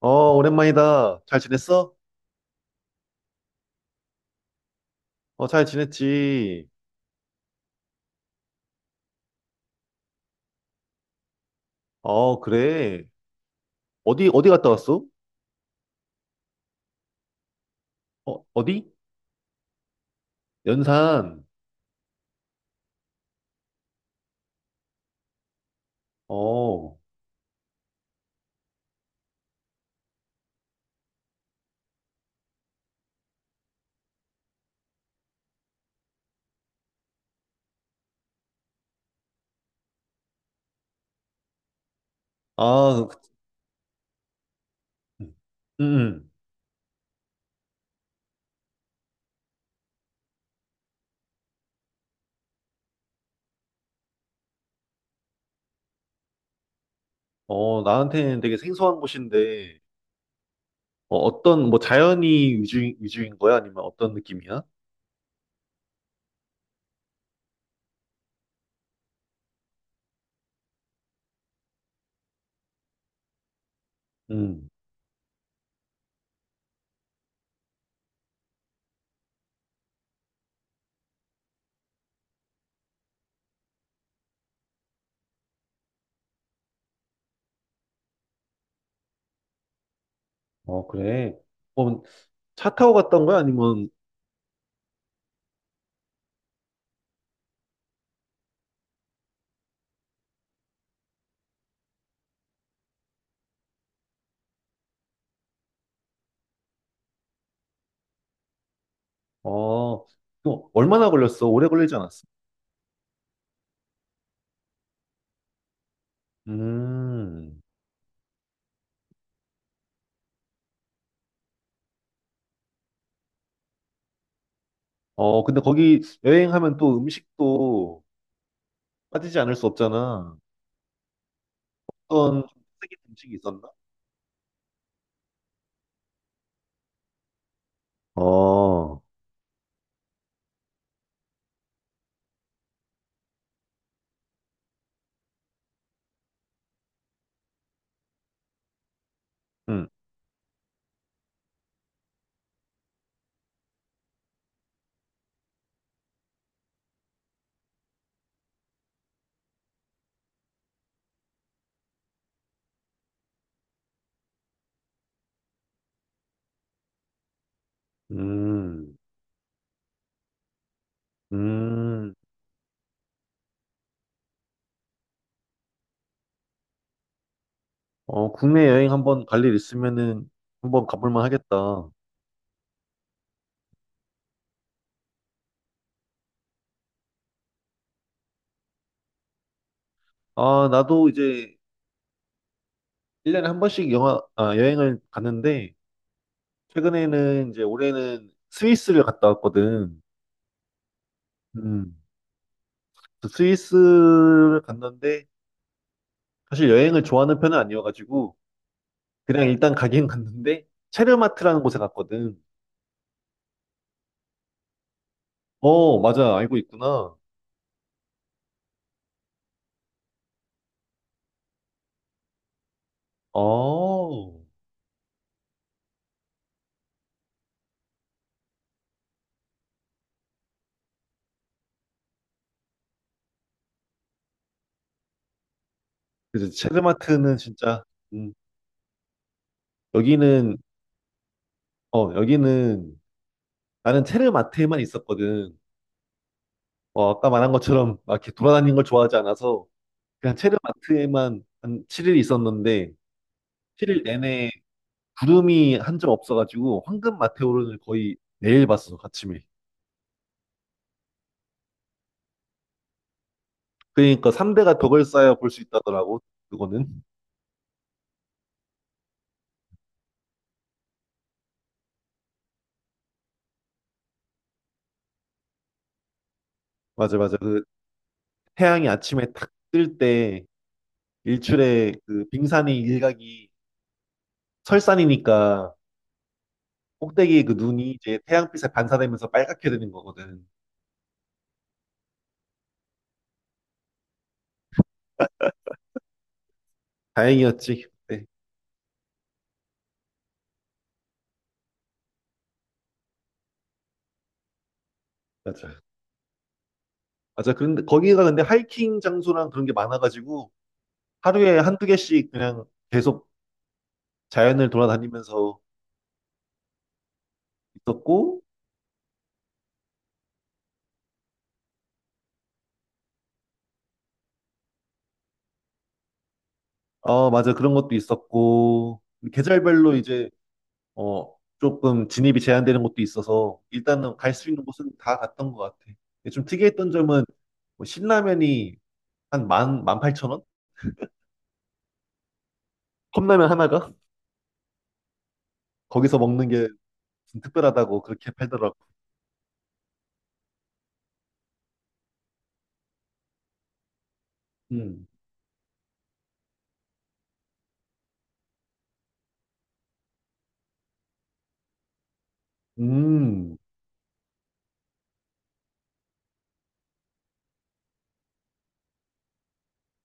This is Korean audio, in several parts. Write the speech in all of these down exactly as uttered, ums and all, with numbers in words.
어, 오랜만이다. 잘 지냈어? 어, 잘 지냈지. 어, 그래. 어디, 어디 갔다 왔어? 어, 어디? 연산. 어, 아, 음, 음. 음. 어, 나한테는 되게 생소한 곳인데, 어, 어떤, 뭐, 자연이 위주, 위주인 거야? 아니면 어떤 느낌이야? 음, 어, 그래. 어, 차 타고 갔던 거야? 아니면, 어, 또 얼마나 걸렸어? 오래 걸리지 않았어? 음, 어, 근데 거기 여행하면 또 음식도 빠지지 않을 수 없잖아. 어떤 좀 특이한 음식이 있었나? 어, 음, 음, 음. 어, 국내 여행 한번 갈 일 있으면은 한번 가볼 만 하겠다. 아, 나도 이제 일 년에 한 번씩 영화, 아, 여행을 갔는데, 최근에는 이제 올해는 스위스를 갔다 왔거든. 음. 그 스위스를 갔는데, 사실 여행을 좋아하는 편은 아니어가지고, 그냥 일단 가긴 갔는데, 체르마트라는 곳에 갔거든. 어, 맞아. 알고 있구나. 어, 그래서 체- 르마트는 진짜, 음, 여기는, 어, 여기는, 나는 체르마트에만 있었거든. 어, 아까 말한 것처럼 막 이렇게 돌아다니는 걸 좋아하지 않아서 그냥 체르마트에만 한 칠 일 있었는데, 칠 일 내내 구름이 한 점 없어가지고 황금 마테오를 거의 매일 봤어, 아침에. 그러니까 삼 대가 덕을 쌓여 볼 수 있다더라고, 그거는. 맞아, 맞아. 그 태양이 아침에 탁 뜰 때, 일출에 그 빙산의 일각이 설산이니까 꼭대기 그 눈이 이제 태양빛에 반사되면서 빨갛게 되는 거거든. 다행이었지. 네, 맞아. 맞아. 그런데 거기가 근데 하이킹 장소랑 그런 게 많아가지고 하루에 한두 개씩 그냥 계속 자연을 돌아다니면서 있었고, 어, 맞아. 그런 것도 있었고, 계절별로 이제, 어, 조금 진입이 제한되는 곳도 있어서 일단은 갈 수 있는 곳은 다 갔던 것 같아. 근데 좀 특이했던 점은 뭐 신라면이 한 만, 만 팔천 원? 컵라면 하나가? 거기서 먹는 게 좀 특별하다고 그렇게 팔더라고. 음. 음,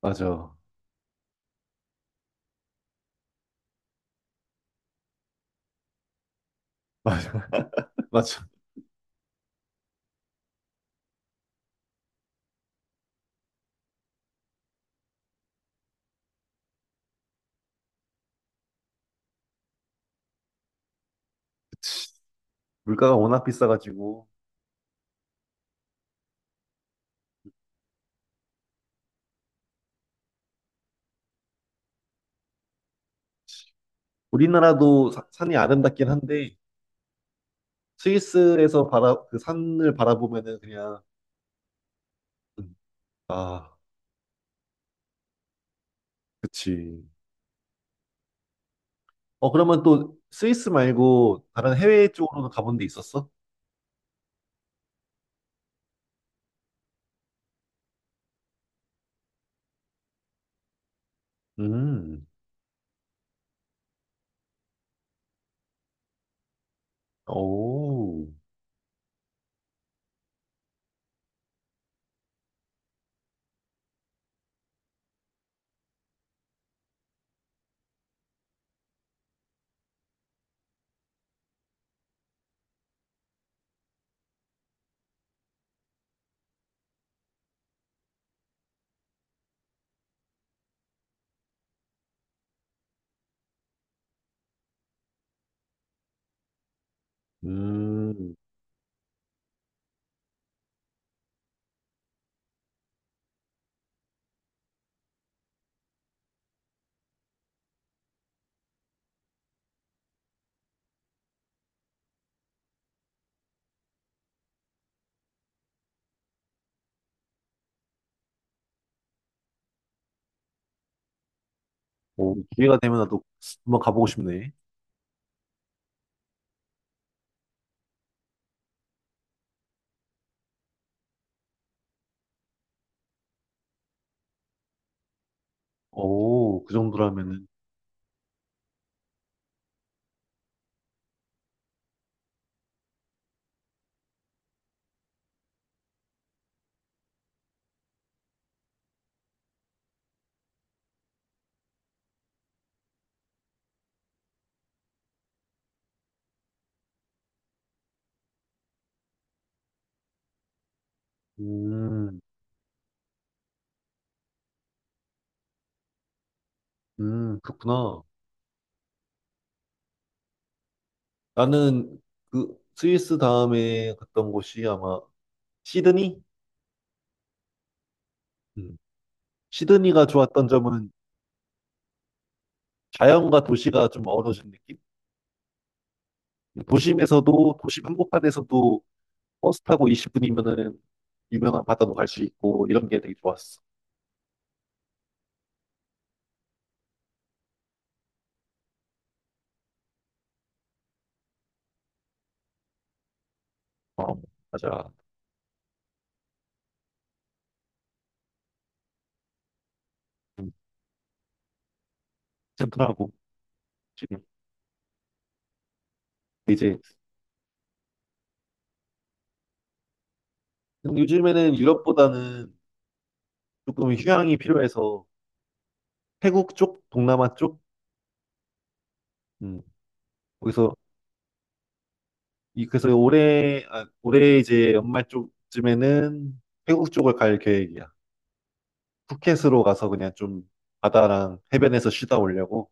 맞아. 맞아. 맞아. 그치. 물가가 워낙 비싸가지고. 우리나라도 사- 산이 아름답긴 한데, 스위스에서 바라, 그 산을 바라보면은 그냥, 음, 아, 그치. 어, 그러면 또 스위스 말고 다른 해외 쪽으로는 가본 데 있었어? 음, 오, 음, 오, 기회가 되면 나도 한번 가보고 싶네. 오, 그 정도라면은, 음, 음, 그렇구나. 나는 그 스위스 다음에 갔던 곳이 아마 시드니? 음. 시드니가 좋았던 점은 자연과 도시가 좀 어우러진 느낌? 도심에서도, 도심 한복판에서도 버스 타고 이십 분이면은 유명한 바다도 갈 수 있고 이런 게 되게 좋았어. 어, 맞아. 음, 젠틀하고 지금 이제 요즘에는 유럽보다는 조금 휴양이 필요해서 태국 쪽, 동남아 쪽, 음, 거기서 이 그래서 올해 아, 올해 이제 연말 쪽쯤에는 태국 쪽을 갈 계획이야. 푸켓으로 가서 그냥 좀 바다랑 해변에서 쉬다 오려고.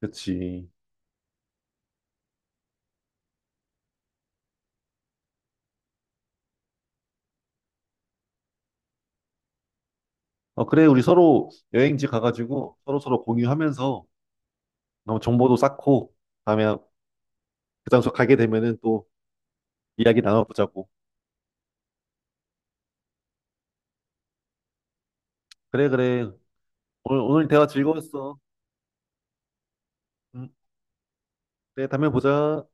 그치. 어 그래 우리 서로 여행지 가가지고 서로 서로 공유하면서 너무 정보도 쌓고 다음에 그 장소 가게 되면은 또 이야기 나눠보자고. 그래 그래 오늘 오늘 대화 즐거웠어. 응. 그래 다음에 보자.